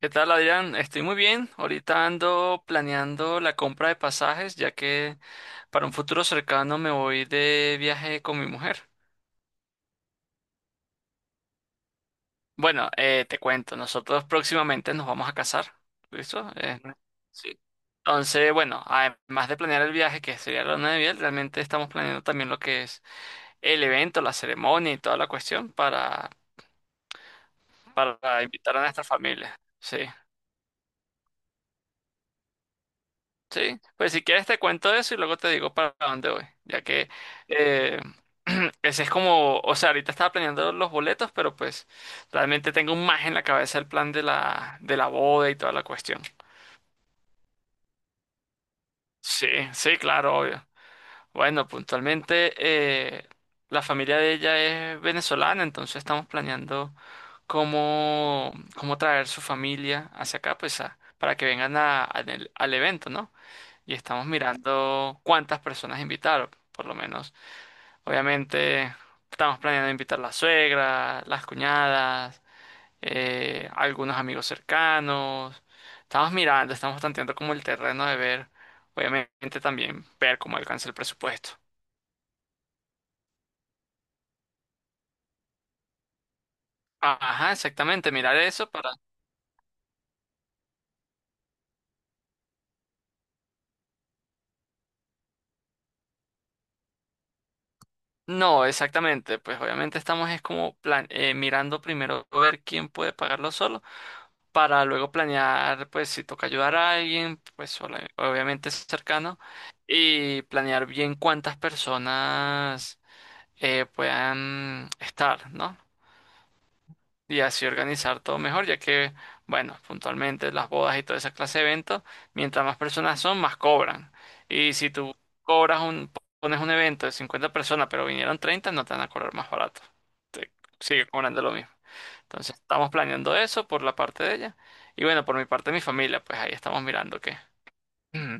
¿Qué tal, Adrián? Estoy muy bien. Ahorita ando planeando la compra de pasajes, ya que para un futuro cercano me voy de viaje con mi mujer. Bueno, te cuento, nosotros próximamente nos vamos a casar. ¿Listo? Sí. Entonces, bueno, además de planear el viaje, que sería la luna de miel, realmente estamos planeando también lo que es el evento, la ceremonia y toda la cuestión para invitar a nuestra familia. Sí. Sí, pues si quieres te cuento eso y luego te digo para dónde voy, ya que eh, ese es como, o sea, ahorita estaba planeando los boletos, pero pues realmente tengo más en la cabeza el plan de de la boda y toda la cuestión. Sí, sí, claro, obvio. Bueno, puntualmente la familia de ella es venezolana, entonces estamos planeando cómo traer su familia hacia acá, pues a- para que vengan a- al evento, ¿no? Y estamos mirando cuántas personas invitar, por lo menos. Obviamente estamos planeando invitar la suegra, las cuñadas, algunos amigos cercanos. Estamos mirando, estamos tanteando como el terreno de ver, obviamente también ver cómo alcanza el presupuesto. Ajá, exactamente, mirar eso para... No, exactamente, pues obviamente estamos es como plan mirando primero ver quién puede pagarlo solo para luego planear, pues si toca ayudar a alguien, pues ola- obviamente es cercano, y planear bien cuántas personas puedan estar, ¿no? Y así organizar todo mejor, ya que, bueno, puntualmente las bodas y toda esa clase de eventos, mientras más personas son, más cobran. Y si tú cobras un, pones un evento de 50 personas, pero vinieron 30, no te van a cobrar más barato. Te sigue cobrando lo mismo. Entonces estamos planeando eso por la parte de ella. Y bueno, por mi parte de mi familia, pues ahí estamos mirando qué.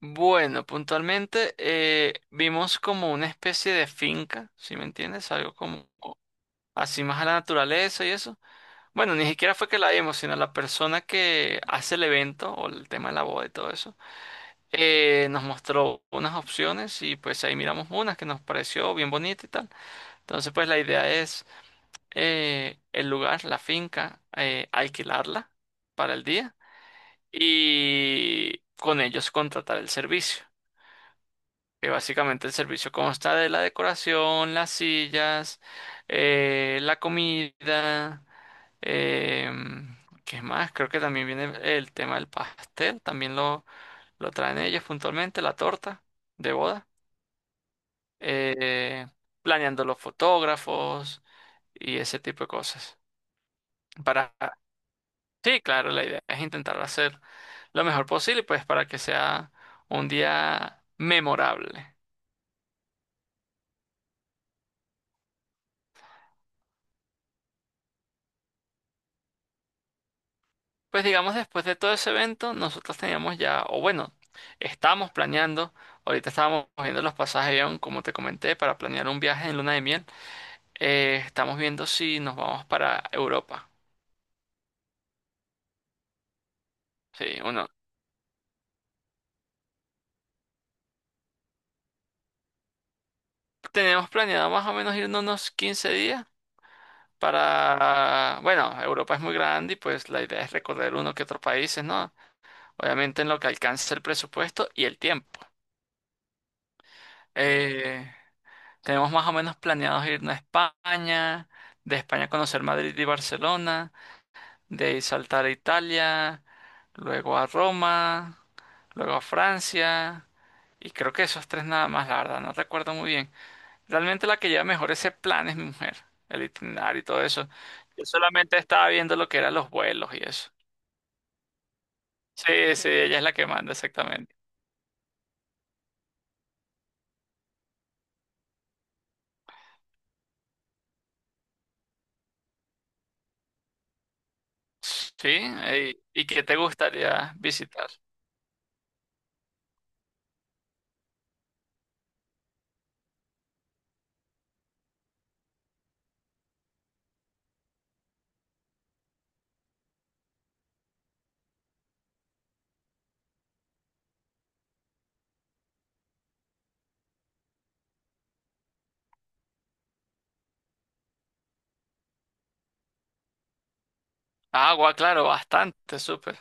Bueno, puntualmente vimos como una especie de finca, ¿si me entiendes? Algo como así más a la naturaleza y eso. Bueno, ni siquiera fue que la vimos, sino la persona que hace el evento o el tema de la boda y todo eso, nos mostró unas opciones y pues ahí miramos unas que nos pareció bien bonita y tal. Entonces pues la idea es... el lugar, la finca, alquilarla para el día y con ellos contratar el servicio. Que básicamente el servicio consta de la decoración, las sillas, la comida, eh, ¿qué más? Creo que también viene el tema del pastel, también lo traen ellos puntualmente, la torta de boda, eh, planeando los fotógrafos y ese tipo de cosas. Para Sí, claro, la idea es intentar hacer lo mejor posible, pues para que sea un día memorable. Pues digamos, después de todo ese evento, nosotros teníamos ya, o bueno, estábamos planeando, ahorita estábamos viendo los pasajes de avión, como te comenté, para planear un viaje en luna de miel. Estamos viendo si nos vamos para Europa. Sí, uno. Tenemos planeado más o menos irnos unos 15 días para, bueno, Europa es muy grande y pues la idea es recorrer uno que otros países, ¿no? Obviamente en lo que alcance el presupuesto y el tiempo. Eh, tenemos más o menos planeados irnos a España, de España conocer Madrid y Barcelona, de ahí saltar a Italia, luego a Roma, luego a Francia, y creo que esos tres nada más, la verdad, no recuerdo muy bien. Realmente la que lleva mejor ese plan es mi mujer, el itinerario y todo eso. Yo solamente estaba viendo lo que eran los vuelos y eso. Sí, sí, ella es la que manda exactamente. Sí, ey, ¿y qué te gustaría visitar? Agua, claro, bastante, súper.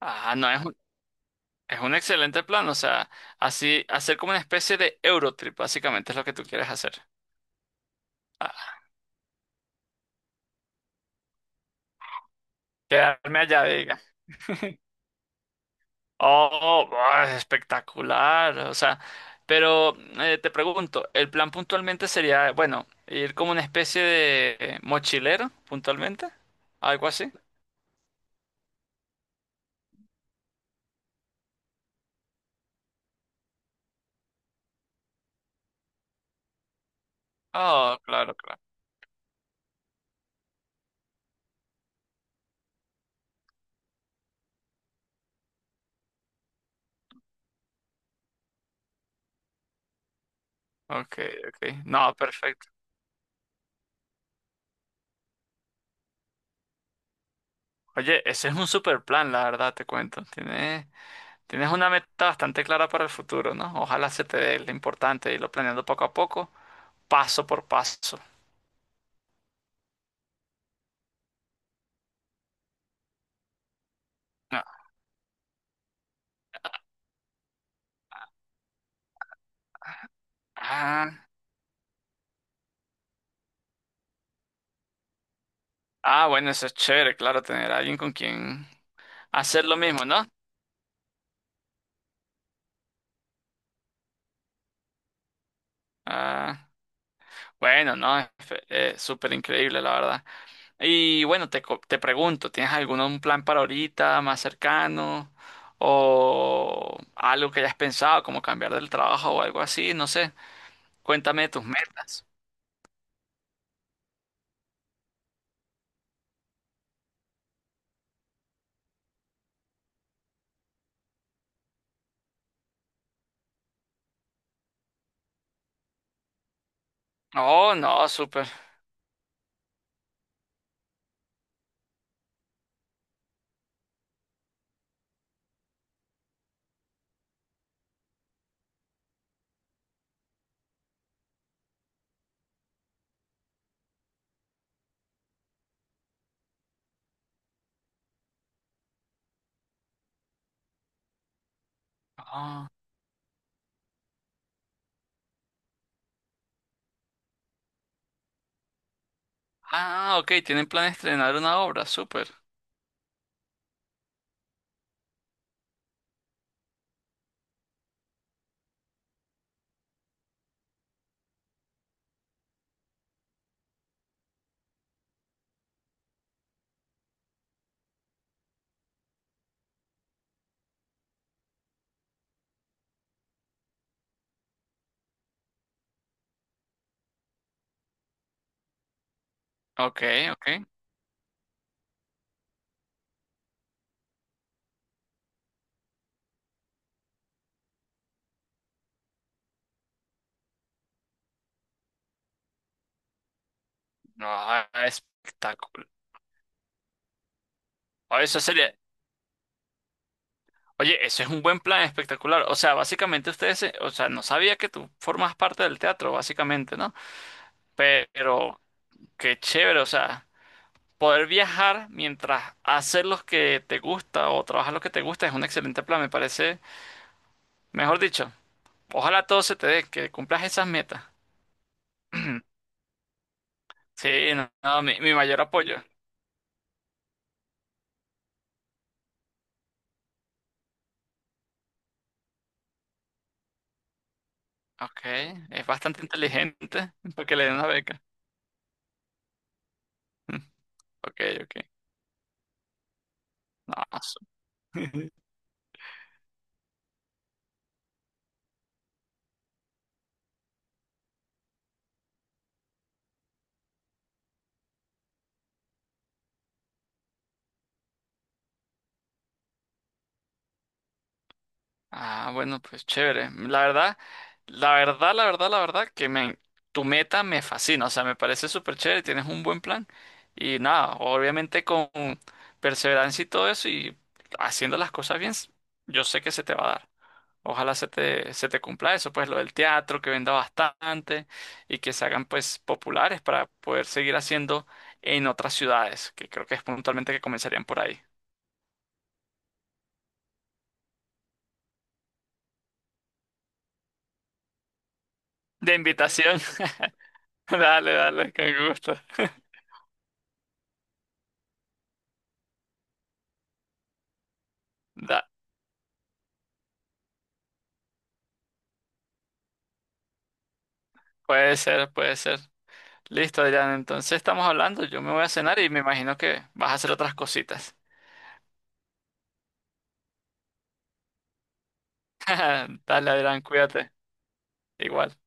Ah, no, es un excelente plan, o sea, así, hacer como una especie de Eurotrip, básicamente es lo que tú quieres hacer. Ah, quedarme allá, diga. Oh, buah, es espectacular, o sea, pero te pregunto, ¿el plan puntualmente sería, bueno, ir como una especie de mochilero, puntualmente? ¿Algo así? Oh, claro, claro. Ok, ok. No, perfecto. Oye, ese es un super plan, la verdad, te cuento. Tienes, tienes una meta bastante clara para el futuro, ¿no? Ojalá se te dé lo importante, irlo planeando poco a poco, paso por paso. No. Ah, ah, bueno, eso es chévere, claro, tener a alguien con quien hacer lo mismo, ¿no? Ah, bueno, no, súper increíble, la verdad. Y bueno, te pregunto, ¿tienes algún un plan para ahorita, más cercano? ¿O algo que hayas pensado, como cambiar del trabajo o algo así? No sé, cuéntame de tus metas. Oh, no, súper. Ah, ah, ok, tienen plan de estrenar una obra, súper. Ok, ok. No, ah, espectacular. Oh, eso sería, oye, eso es un buen plan espectacular. O sea, básicamente o sea, no sabía que tú formas parte del teatro, básicamente, ¿no? Pero qué chévere, o sea, poder viajar mientras haces lo que te gusta o trabajar lo que te gusta es un excelente plan, me parece. Mejor dicho, ojalá todo se te dé, que cumplas esas metas. Sí, no, no, mi mayor apoyo. Ok, es bastante inteligente para que le den una beca. Ok, ok. No, su- Ah, bueno, pues chévere. La verdad, que me, tu meta me fascina. O sea, me parece súper chévere, tienes un buen plan. Y nada, obviamente con perseverancia y todo eso y haciendo las cosas bien, yo sé que se te va a dar. Ojalá se te cumpla eso, pues lo del teatro, que venda bastante y que se hagan pues populares para poder seguir haciendo en otras ciudades, que creo que es puntualmente que comenzarían por ahí. De invitación. Dale, dale, con gusto. Da- puede ser, puede ser. Listo, Adrián. Entonces estamos hablando. Yo me voy a cenar y me imagino que vas a hacer otras cositas. Dale, Adrián, cuídate. Igual.